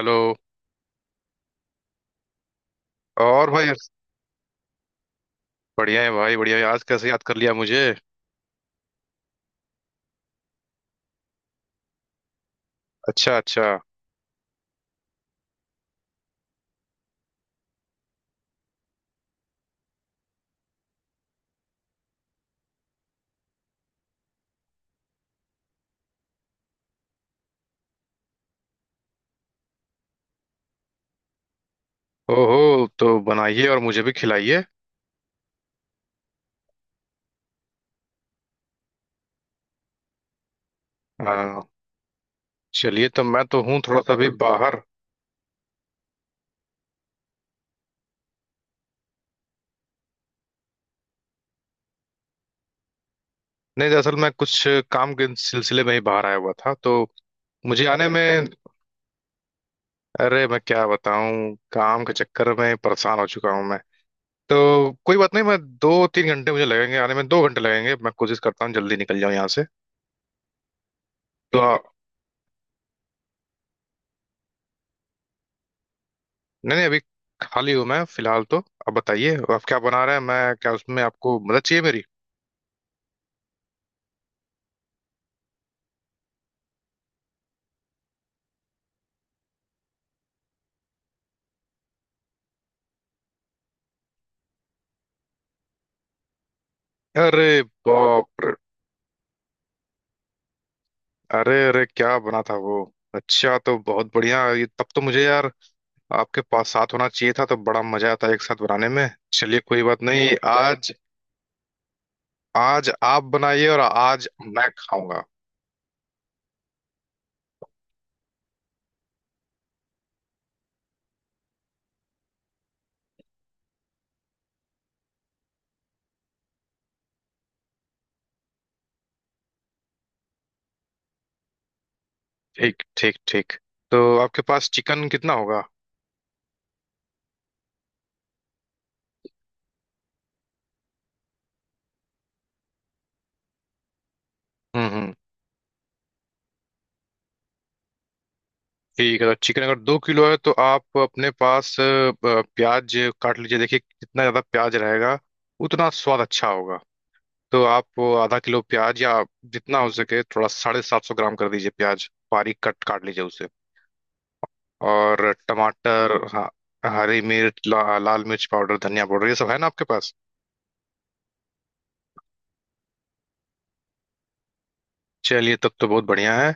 Hello. और भाई, बढ़िया है भाई, बढ़िया है। आज कैसे याद कर लिया मुझे? अच्छा, अच्छा। ओहो, तो बनाइए और मुझे भी खिलाइए। आ, चलिए, तो मैं तो हूँ थोड़ा सा भी बाहर। नहीं, दरअसल मैं कुछ काम के सिलसिले में ही बाहर आया हुआ था, तो मुझे आने में। अरे मैं क्या बताऊँ, काम के चक्कर में परेशान हो चुका हूँ मैं। तो कोई बात नहीं, मैं 2-3 घंटे मुझे लगेंगे आने में, 2 घंटे लगेंगे। मैं कोशिश करता हूँ जल्दी निकल जाऊँ यहाँ से। तो नहीं नहीं, अभी खाली हूँ मैं फिलहाल। तो अब बताइए आप क्या बना रहे हैं, मैं क्या उसमें आपको मदद चाहिए मेरी? अरे बाप रे। अरे अरे, क्या बना था वो? अच्छा, तो बहुत बढ़िया, ये तब तो मुझे, यार, आपके पास साथ होना चाहिए था, तो बड़ा मजा आता एक साथ बनाने में। चलिए कोई बात नहीं, आज आज आप बनाइए और आज मैं खाऊंगा। ठीक, ठीक, ठीक। तो आपके पास चिकन कितना होगा? हम्म, हम्म। ठीक है, तो चिकन अगर 2 किलो है तो आप अपने पास प्याज काट लीजिए। देखिए जितना ज़्यादा प्याज रहेगा उतना स्वाद अच्छा होगा। तो आप आधा किलो प्याज या जितना हो सके, थोड़ा 750 ग्राम कर दीजिए। प्याज बारीक कट काट लीजिए उसे। और टमाटर, हाँ, हरी मिर्च, लाल मिर्च पाउडर, धनिया पाउडर, ये सब है ना आपके पास? चलिए तब तो बहुत बढ़िया है।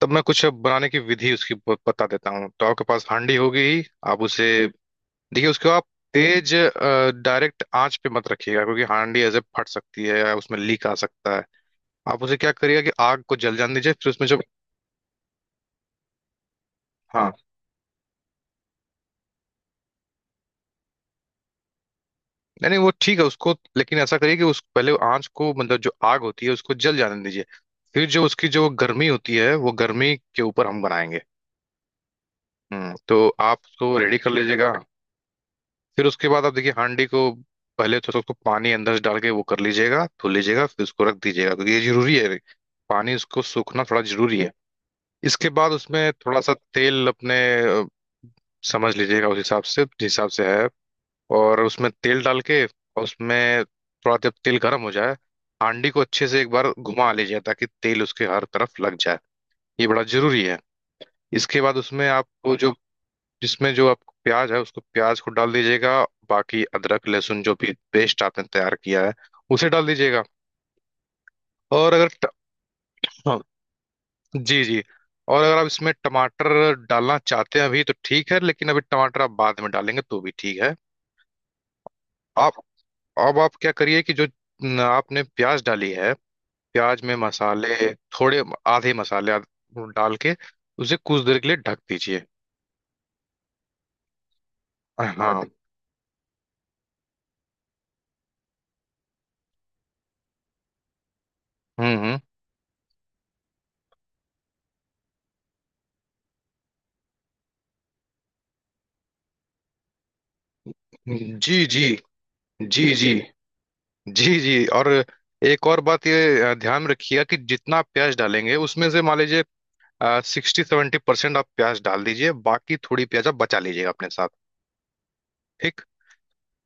तब मैं कुछ बनाने की विधि उसकी बता देता हूँ। तो आपके पास हांडी होगी ही, आप उसे देखिए, उसको आप तेज डायरेक्ट आंच पे मत रखिएगा, क्योंकि हांडी ऐसे फट सकती है या उसमें लीक आ सकता है। आप उसे क्या करिएगा कि आग को जल जाने दीजिए, फिर उसमें जब, हाँ, नहीं नहीं, वो ठीक है उसको। लेकिन ऐसा करिए कि उस पहले आंच को, मतलब जो आग होती है उसको जल जाने दीजिए। फिर जो उसकी जो गर्मी होती है, वो गर्मी के ऊपर हम बनाएंगे। हम्म, तो आप उसको रेडी कर लीजिएगा। फिर उसके बाद आप देखिए हांडी को पहले थोड़ा सा उसको पानी अंदर से डाल के वो कर लीजिएगा, धो लीजिएगा, फिर उसको रख दीजिएगा, क्योंकि ये जरूरी है। पानी उसको सूखना थोड़ा जरूरी है। इसके बाद उसमें थोड़ा सा तेल अपने अ, समझ लीजिएगा उस हिसाब से, जिस हिसाब से है। और उसमें तेल डाल के, और उसमें थोड़ा, जब तेल गर्म हो जाए, हांडी को अच्छे से एक बार घुमा लीजिए ताकि तेल उसके हर तरफ लग जाए। ये बड़ा जरूरी है। इसके बाद उसमें आपको जो, जिसमें जो आपको प्याज है उसको, प्याज को डाल दीजिएगा। बाकी अदरक लहसुन जो भी पेस्ट आपने तैयार किया है, उसे डाल दीजिएगा। और अगर हाँ, जी जी। और अगर आप इसमें टमाटर डालना चाहते हैं अभी, तो ठीक है, लेकिन अभी टमाटर आप बाद में डालेंगे तो भी ठीक है। आप, अब आप क्या करिए कि जो न, आपने प्याज डाली है। प्याज में मसाले थोड़े, आधे मसाले डाल के उसे कुछ देर के लिए ढक दीजिए। हाँ, हम्म, हम्म। जी, जी। जी, जी। जी, जी। और एक और बात, ये ध्यान में रखिएगा कि जितना आप प्याज डालेंगे उसमें से, मान लीजिए, 60-70% आप प्याज डाल दीजिए, बाकी थोड़ी प्याज आप बचा लीजिएगा अपने साथ। एक,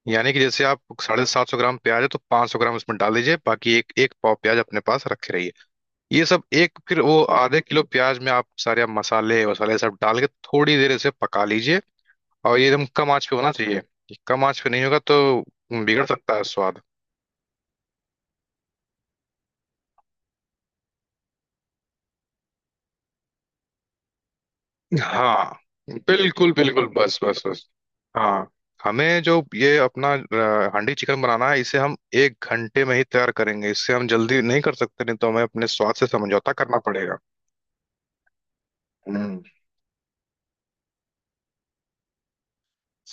यानी कि जैसे आप 750 ग्राम प्याज है, तो 500 ग्राम उसमें डाल दीजिए, बाकी एक एक पाव प्याज अपने पास रखे रहिए। ये सब एक, फिर वो आधे किलो प्याज में आप सारे, आप मसाले वसाले सब डाल के थोड़ी देर इसे पका लीजिए। और ये एकदम कम आंच पे होना चाहिए, कम आंच पे नहीं होगा तो बिगड़ सकता है स्वाद। हाँ, बिल्कुल, बिल्कुल, बस, बस, बस, हाँ। हमें जो ये अपना हांडी चिकन बनाना है इसे हम 1 घंटे में ही तैयार करेंगे, इससे हम जल्दी नहीं कर सकते, नहीं तो हमें अपने स्वाद से समझौता करना पड़ेगा। हम्म।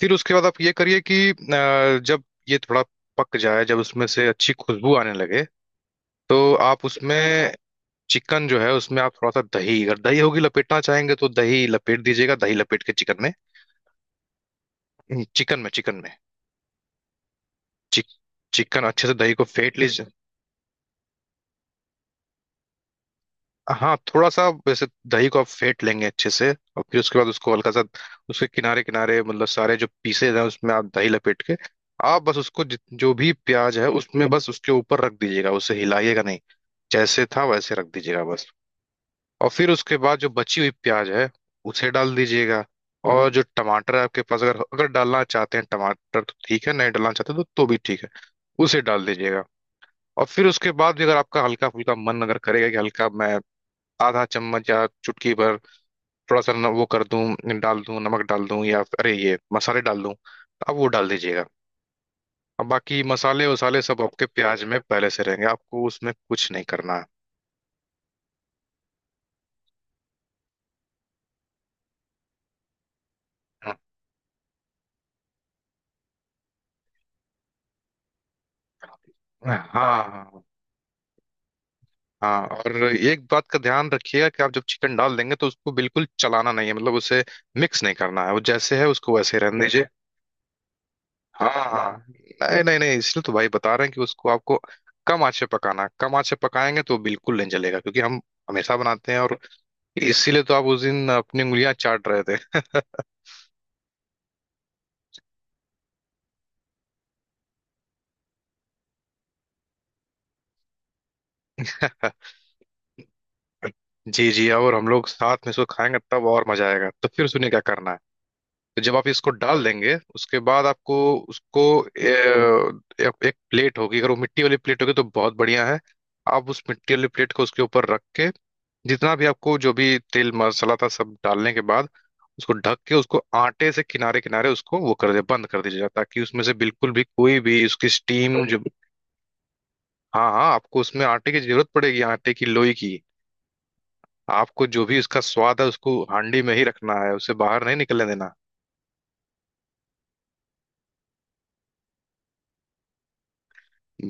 फिर उसके बाद आप ये करिए कि जब ये थोड़ा पक जाए, जब उसमें से अच्छी खुशबू आने लगे, तो आप उसमें चिकन जो है, उसमें आप थोड़ा सा दही, अगर दही होगी लपेटना चाहेंगे तो दही लपेट दीजिएगा, दही लपेट के चिकन में। चिकन में, चिकन में। चिक, चिकन अच्छे से दही को फेंट लीजिए। हाँ, थोड़ा सा वैसे दही को आप फेंट लेंगे अच्छे से। और फिर उसके बाद उसको हल्का सा उसके किनारे किनारे, मतलब सारे जो पीसेज हैं उसमें आप दही लपेट के, आप बस उसको जो भी प्याज है उसमें बस उसके ऊपर रख दीजिएगा, उसे हिलाइएगा नहीं। जैसे था वैसे रख दीजिएगा बस। और फिर उसके बाद जो बची हुई प्याज है उसे डाल दीजिएगा। हम्म, और जो टमाटर है आपके पास, अगर अगर डालना चाहते हैं टमाटर तो ठीक है, नहीं डालना चाहते तो भी ठीक है। उसे डाल दीजिएगा। और फिर उसके बाद भी अगर आपका हल्का फुल्का मन अगर करेगा कि हल्का मैं आधा चम्मच या चुटकी भर, थोड़ा सा वो कर दूं, डाल दूं, नमक डाल दूं या अरे ये मसाले डाल दूं, तो आप वो डाल दीजिएगा। अब बाकी मसाले वसाले सब आपके प्याज में पहले से रहेंगे, आपको उसमें कुछ नहीं करना है। हाँ, हाँ, हाँ। और एक बात का ध्यान रखिएगा कि आप जब चिकन डाल देंगे तो उसको बिल्कुल चलाना नहीं है, मतलब उसे मिक्स नहीं करना है, वो जैसे है उसको वैसे ही रहने दीजिए। हाँ, हाँ, नहीं, नहीं, नहीं। इसलिए तो भाई बता रहे हैं कि उसको आपको कम आँच पे पकाना है। कम आँच पे पकाएंगे तो बिल्कुल नहीं जलेगा, क्योंकि हम हमेशा बनाते हैं। और इसीलिए तो आप उस दिन अपनी उंगलियां चाट रहे थे। जी, जी। और हम लोग साथ में इसको खाएंगे तब और मजा आएगा। तो फिर सुनिए क्या करना है। तो जब आप इसको डाल देंगे उसके बाद आपको उसको ए, एक एक प्लेट होगी, अगर वो मिट्टी वाली प्लेट होगी तो बहुत बढ़िया है। आप उस मिट्टी वाली प्लेट को उसके ऊपर रख के, जितना भी आपको जो भी तेल मसाला था सब डालने के बाद, उसको ढक के उसको आटे से किनारे किनारे उसको वो कर दे, बंद कर दीजिएगा, ताकि उसमें से बिल्कुल भी कोई भी उसकी स्टीम जो, हाँ, हाँ, आपको उसमें आटे की जरूरत पड़ेगी, आटे की लोई की। आपको जो भी उसका स्वाद है उसको हांडी में ही रखना है, उसे बाहर नहीं निकलने देना।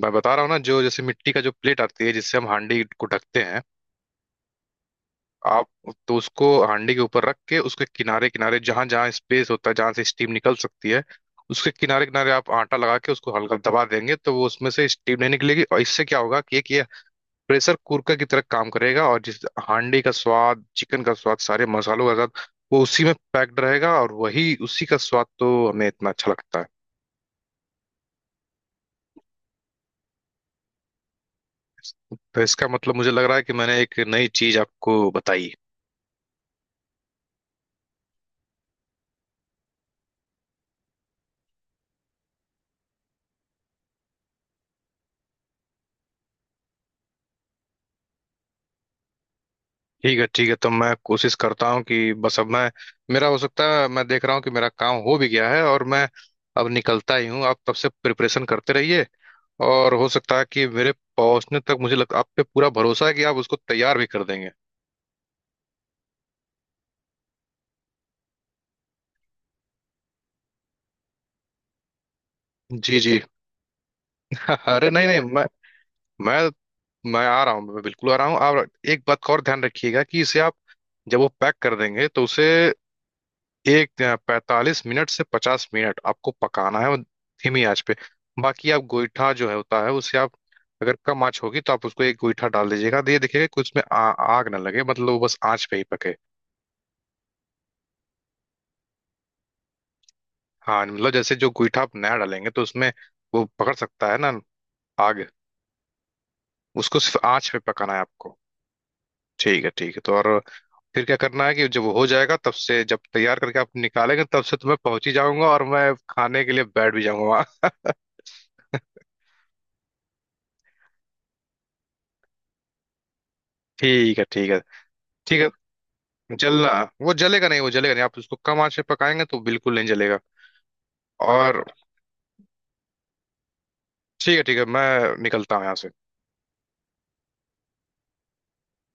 मैं बता रहा हूँ ना, जो जैसे मिट्टी का जो प्लेट आती है जिससे हम हांडी को ढकते हैं, आप तो उसको हांडी के ऊपर रख के उसके किनारे किनारे, जहां जहां स्पेस होता है जहां से स्टीम निकल सकती है, उसके किनारे किनारे आप आटा लगा के उसको हल्का दबा देंगे तो वो उसमें से स्टीम नहीं निकलेगी, और इससे क्या होगा कि एक ये प्रेशर कुकर की तरह काम करेगा। और जिस हांडी का स्वाद, चिकन का स्वाद, सारे मसालों का स्वाद वो उसी में पैक्ड रहेगा, और वही उसी का स्वाद तो हमें इतना अच्छा लगता है। तो इसका मतलब मुझे लग रहा है कि मैंने एक नई चीज आपको बताई। ठीक है, ठीक है। तो मैं कोशिश करता हूँ कि बस अब मैं, मेरा हो सकता है, मैं देख रहा हूँ कि मेरा काम हो भी गया है और मैं अब निकलता ही हूँ। आप तब से प्रिपरेशन करते रहिए। और हो सकता है कि मेरे पहुंचने तक आप पे पूरा भरोसा है कि आप उसको तैयार भी कर देंगे। जी, जी। अरे, नहीं, नहीं, मैं, मैं आ रहा हूँ, मैं बिल्कुल आ रहा हूँ। आप एक बात का और ध्यान रखिएगा कि इसे आप जब वो पैक कर देंगे तो उसे एक 45 मिनट से 50 मिनट आपको पकाना है, और धीमी आंच पे। बाकी आप गोईठा जो है होता है उसे आप, अगर कम आंच होगी तो आप उसको एक गोईठा डाल दीजिएगा, तो ये देखिएगा कि उसमें आग ना लगे, मतलब वो बस आंच पे ही पके। हाँ, मतलब जैसे जो गोईठा आप नया डालेंगे तो उसमें वो पकड़ सकता है ना आग, उसको सिर्फ आंच पे पकाना है आपको। ठीक है, ठीक है। तो और फिर क्या करना है कि जब वो हो जाएगा तब से, जब तैयार करके आप निकालेंगे तब से, तो मैं पहुंच ही जाऊंगा और मैं खाने के लिए बैठ भी जाऊंगा वहाँ। ठीक है, ठीक है, ठीक है। जलना वो जलेगा नहीं, वो जलेगा नहीं। आप उसको कम आंच पे पकाएंगे तो बिल्कुल नहीं जलेगा। और ठीक है, ठीक है, मैं निकलता हूँ यहाँ से।